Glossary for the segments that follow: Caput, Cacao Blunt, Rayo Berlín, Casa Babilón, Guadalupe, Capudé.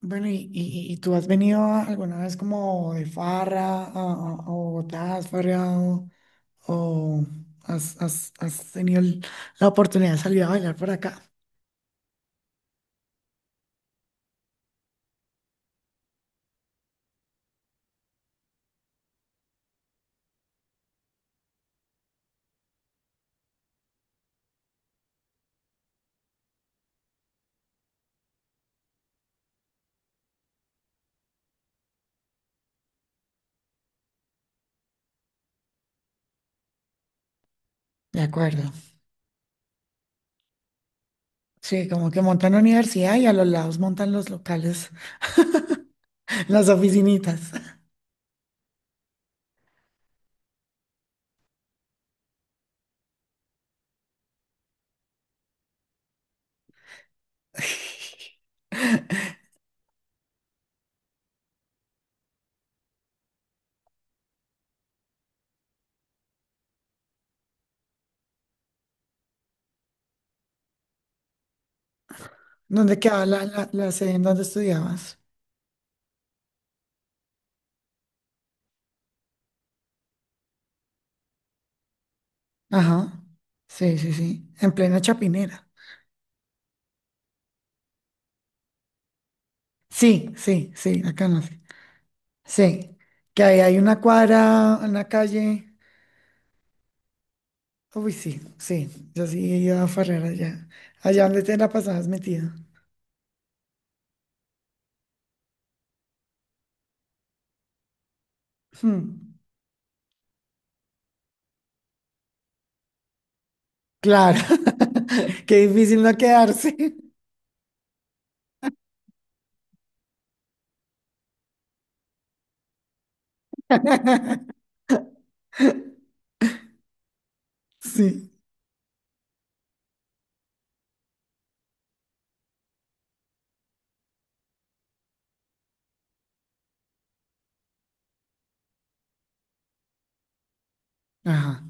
Bueno, ¿y tú has venido alguna vez como de farra a Bogotá? ¿Has farreado o has tenido la oportunidad de salir a bailar por acá? De acuerdo. Sí, como que montan la universidad y a los lados montan los locales, las oficinitas. ¿Dónde quedaba la sede en donde estudiabas? Ajá. Sí, sí, sí. En plena Chapinera. Sí, sí, sí, acá no. Sí, que ahí hay una cuadra, una calle. Uy, sí, sí, yo sí iba a farrear allá. Allá donde te la pasabas metido. Hmm. Claro, qué difícil no quedarse. Sí. Ajá.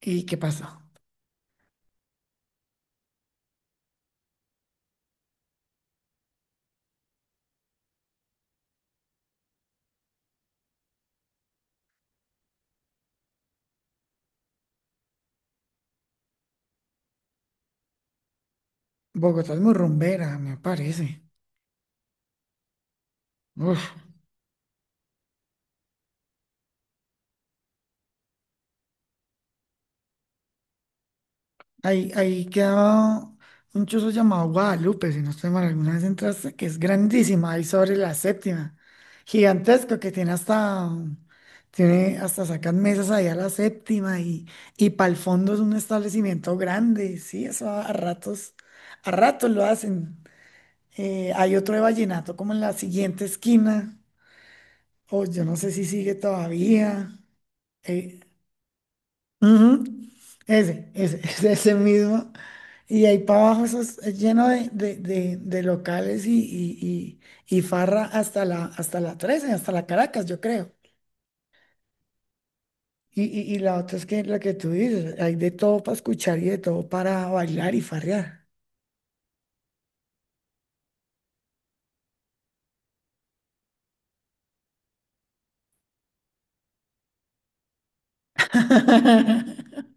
¿Y qué pasó? Bogotá es muy rumbera, me parece. Uf. Ahí, ahí quedaba un chuzo llamado Guadalupe, si no estoy mal, alguna vez entraste, que es grandísima, ahí sobre la séptima. Gigantesco, que tiene hasta sacan mesas ahí a la séptima y para el fondo es un establecimiento grande, sí, eso a ratos, a ratos lo hacen. Hay otro de vallenato como en la siguiente esquina, o yo no sé si sigue todavía. Eh, ujú. Ese, ese mismo. Y ahí para abajo eso es lleno de locales y farra hasta la 13, hasta la Caracas, yo creo. Y la otra es que la que tú dices, hay de todo para escuchar y de todo para bailar y farrear.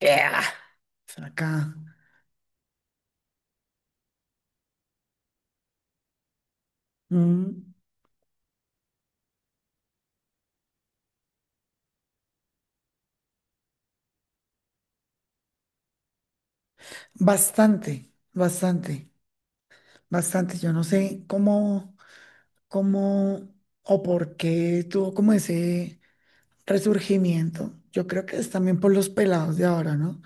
Yeah. Acá. Mm. Bastante, bastante, bastante. Yo no sé cómo, cómo o por qué tuvo como ese resurgimiento. Yo creo que es también por los pelados de ahora, ¿no?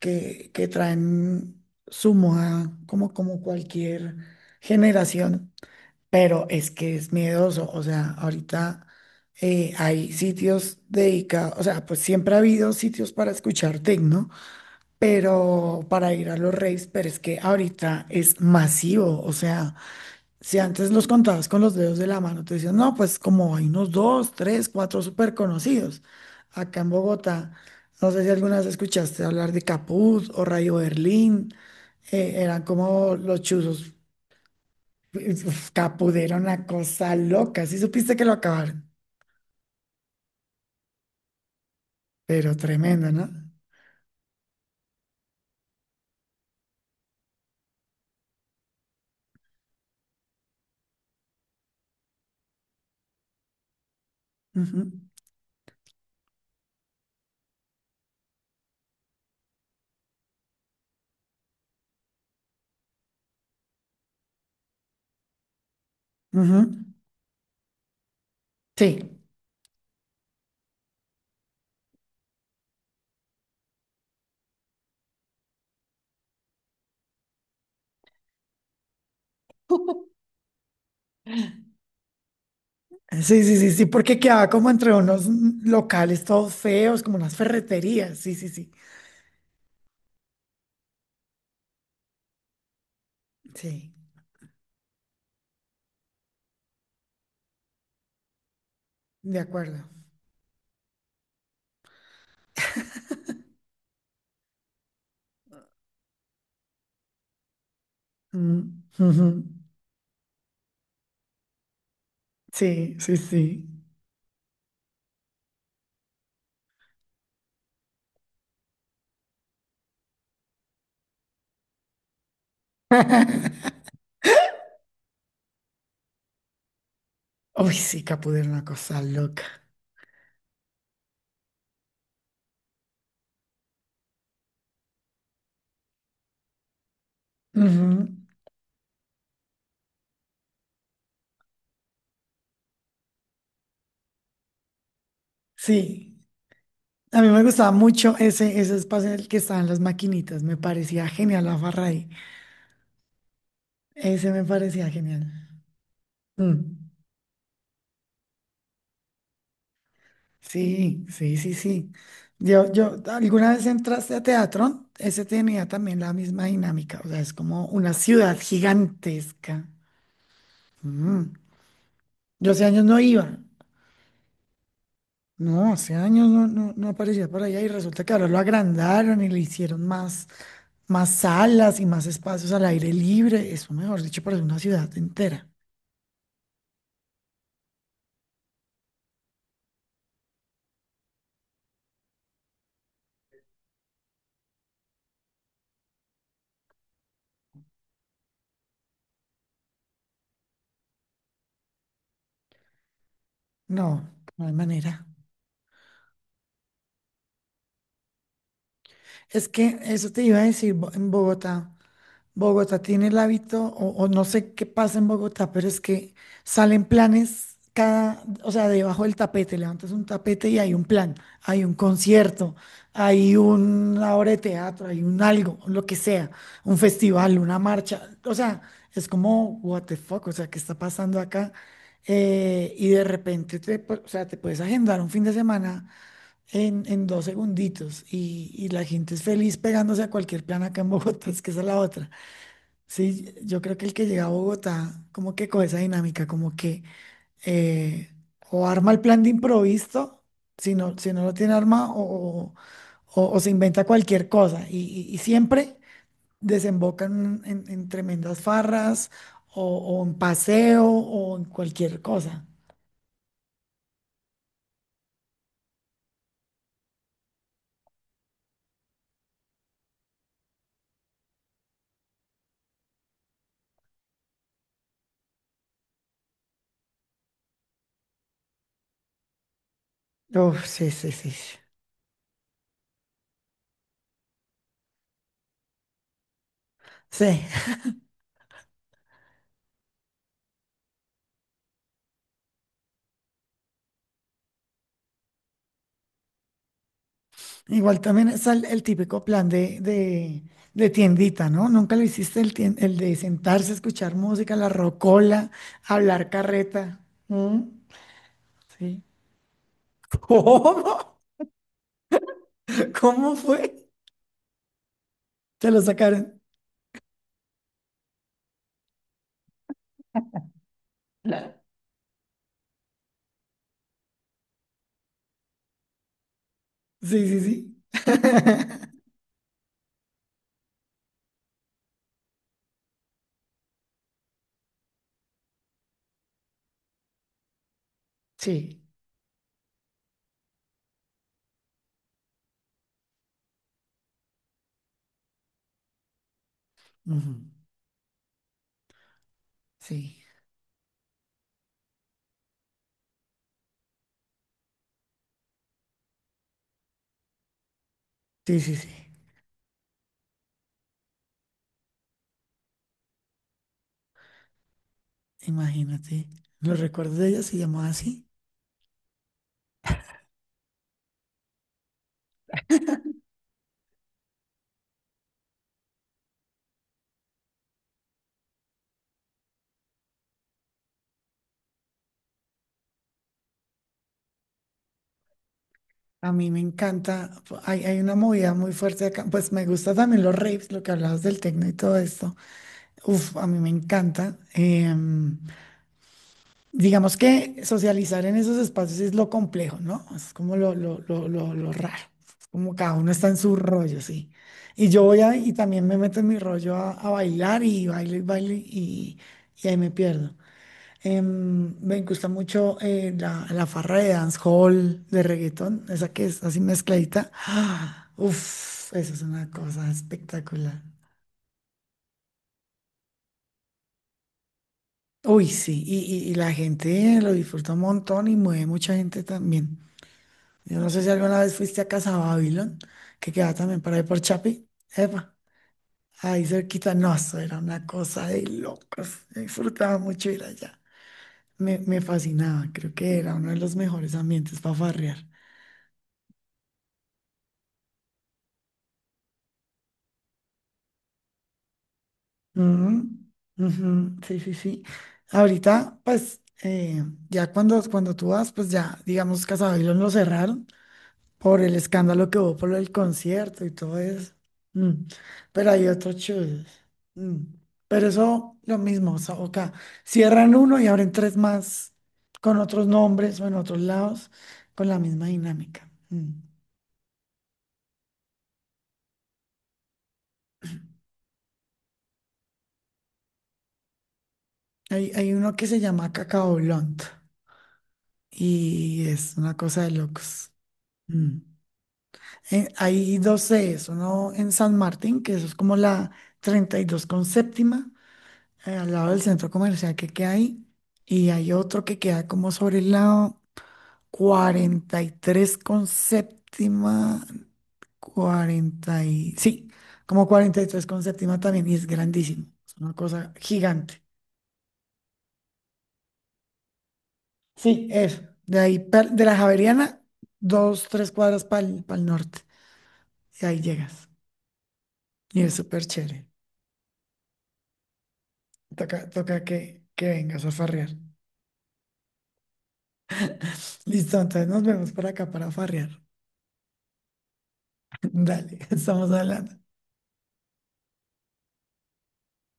Que traen su moda como, como cualquier generación, pero es que es miedoso. O sea, ahorita hay sitios dedicados, o sea, pues siempre ha habido sitios para escuchar techno, pero para ir a los raves, pero es que ahorita es masivo. O sea, si antes los contabas con los dedos de la mano, te decían, no, pues como hay unos dos, tres, cuatro súper conocidos. Acá en Bogotá, no sé si alguna vez escuchaste hablar de Caput o Rayo Berlín, eran como los chuzos. Uf, Caput era una cosa loca, sí supiste que lo acabaron, pero tremenda, no. Ujú, ujú. Sí. Sí, sí, sí, sí, porque quedaba como entre unos locales todos feos, como unas ferreterías. Sí, sí, sí. Sí, de acuerdo. Mm, ujú. Sí, sí, sí. Uy, sí, Capudé era una cosa loca. Ujú. Sí, a mí me gustaba mucho ese, ese espacio en el que estaban las maquinitas. Me parecía genial la farra ahí. Ese me parecía genial. Mm. Sí, sí, sí, sí. Yo, ¿alguna vez entraste a teatro? Ese tenía también la misma dinámica. O sea, es como una ciudad gigantesca. Mm. Yo hace años no iba. No, hace años no, no, no aparecía por allá y resulta que ahora lo agrandaron y le hicieron más, más salas y más espacios al aire libre. Eso, mejor dicho, parece una ciudad entera. No, no hay manera. Es que eso te iba a decir, en Bogotá. Bogotá tiene el hábito, o no sé qué pasa en Bogotá, pero es que salen planes cada, o sea, debajo del tapete, levantas un tapete y hay un plan, hay un concierto, hay una obra de teatro, hay un algo, lo que sea, un festival, una marcha, o sea, es como, what the fuck, o sea, ¿qué está pasando acá? Y de repente, o sea, te puedes agendar un fin de semana en dos segunditos y la gente es feliz pegándose a cualquier plan acá en Bogotá, es que esa es la otra. Sí, yo creo que el que llega a Bogotá, como que con esa dinámica, como que eh, o arma el plan de improviso, si no, si no lo tiene arma, o, o se inventa cualquier cosa. Y, y siempre desembocan en tremendas farras, o en paseo, o en cualquier cosa. Uf, sí, sí, sí. Sí. Sí. Igual también es el típico plan de tiendita, ¿no? Nunca lo hiciste el de sentarse a escuchar música, la rocola, hablar carreta. ¿Mm? Sí. ¿Cómo? ¿Cómo fue? Te lo sacaron. Claro. Sí, sí, sí. Sí. Ujú. Sí. Sí, sí, sí. Imagínate. Los recuerdos de ella se llamaba así. A mí me encanta. Hay una movida muy fuerte acá. Pues me gusta también los raves, lo que hablabas del techno y todo esto. Uf, a mí me encanta. Digamos que socializar en esos espacios es lo complejo, ¿no? Es como lo raro. Es como cada uno está en su rollo, sí. Y yo voy a, y también me meto en mi rollo a bailar y bailo y bailo y ahí me pierdo. Em, me gusta mucho la farra de dancehall, de reggaetón, esa que es así mezcladita. ¡Ah! Uf, eso es una cosa espectacular. Uy, sí, y, y la gente lo disfruta un montón y mueve mucha gente también. Yo no sé si alguna vez fuiste a Casa Babilón, que queda también para ahí por Chapi. Epa, ahí cerquita. No, eso era una cosa de locos. Disfrutaba mucho ir allá. Me fascinaba. Creo que era uno de los mejores ambientes para farrear. Ujú, ujú. Sí, sí, sí. Ahorita, pues, ya cuando, cuando tú vas, pues ya, digamos, Casa Babilón lo cerraron por el escándalo que hubo por el concierto y todo eso. Mm. Pero hay otros chulos. Mm. Pero eso, lo mismo, o sea, acá cierran uno y abren tres más con otros nombres o en otros lados con la misma dinámica. Mm. Hay uno que se llama Cacao Blunt y es una cosa de locos. Mm. Hay dos sedes, uno en San Martín, que eso es como la 32 con séptima, al lado del centro comercial que queda ahí, y hay otro que queda como sobre el lado 43 con séptima, 40 y, sí, como 43 con séptima también, y es grandísimo, es una cosa gigante. Sí, eso, de ahí, de la Javeriana, dos, tres cuadras para el norte, y ahí llegas, y es súper chévere, toca, toca que vengas a farrear. Listo, entonces nos vemos por acá para farrear. Dale, estamos hablando.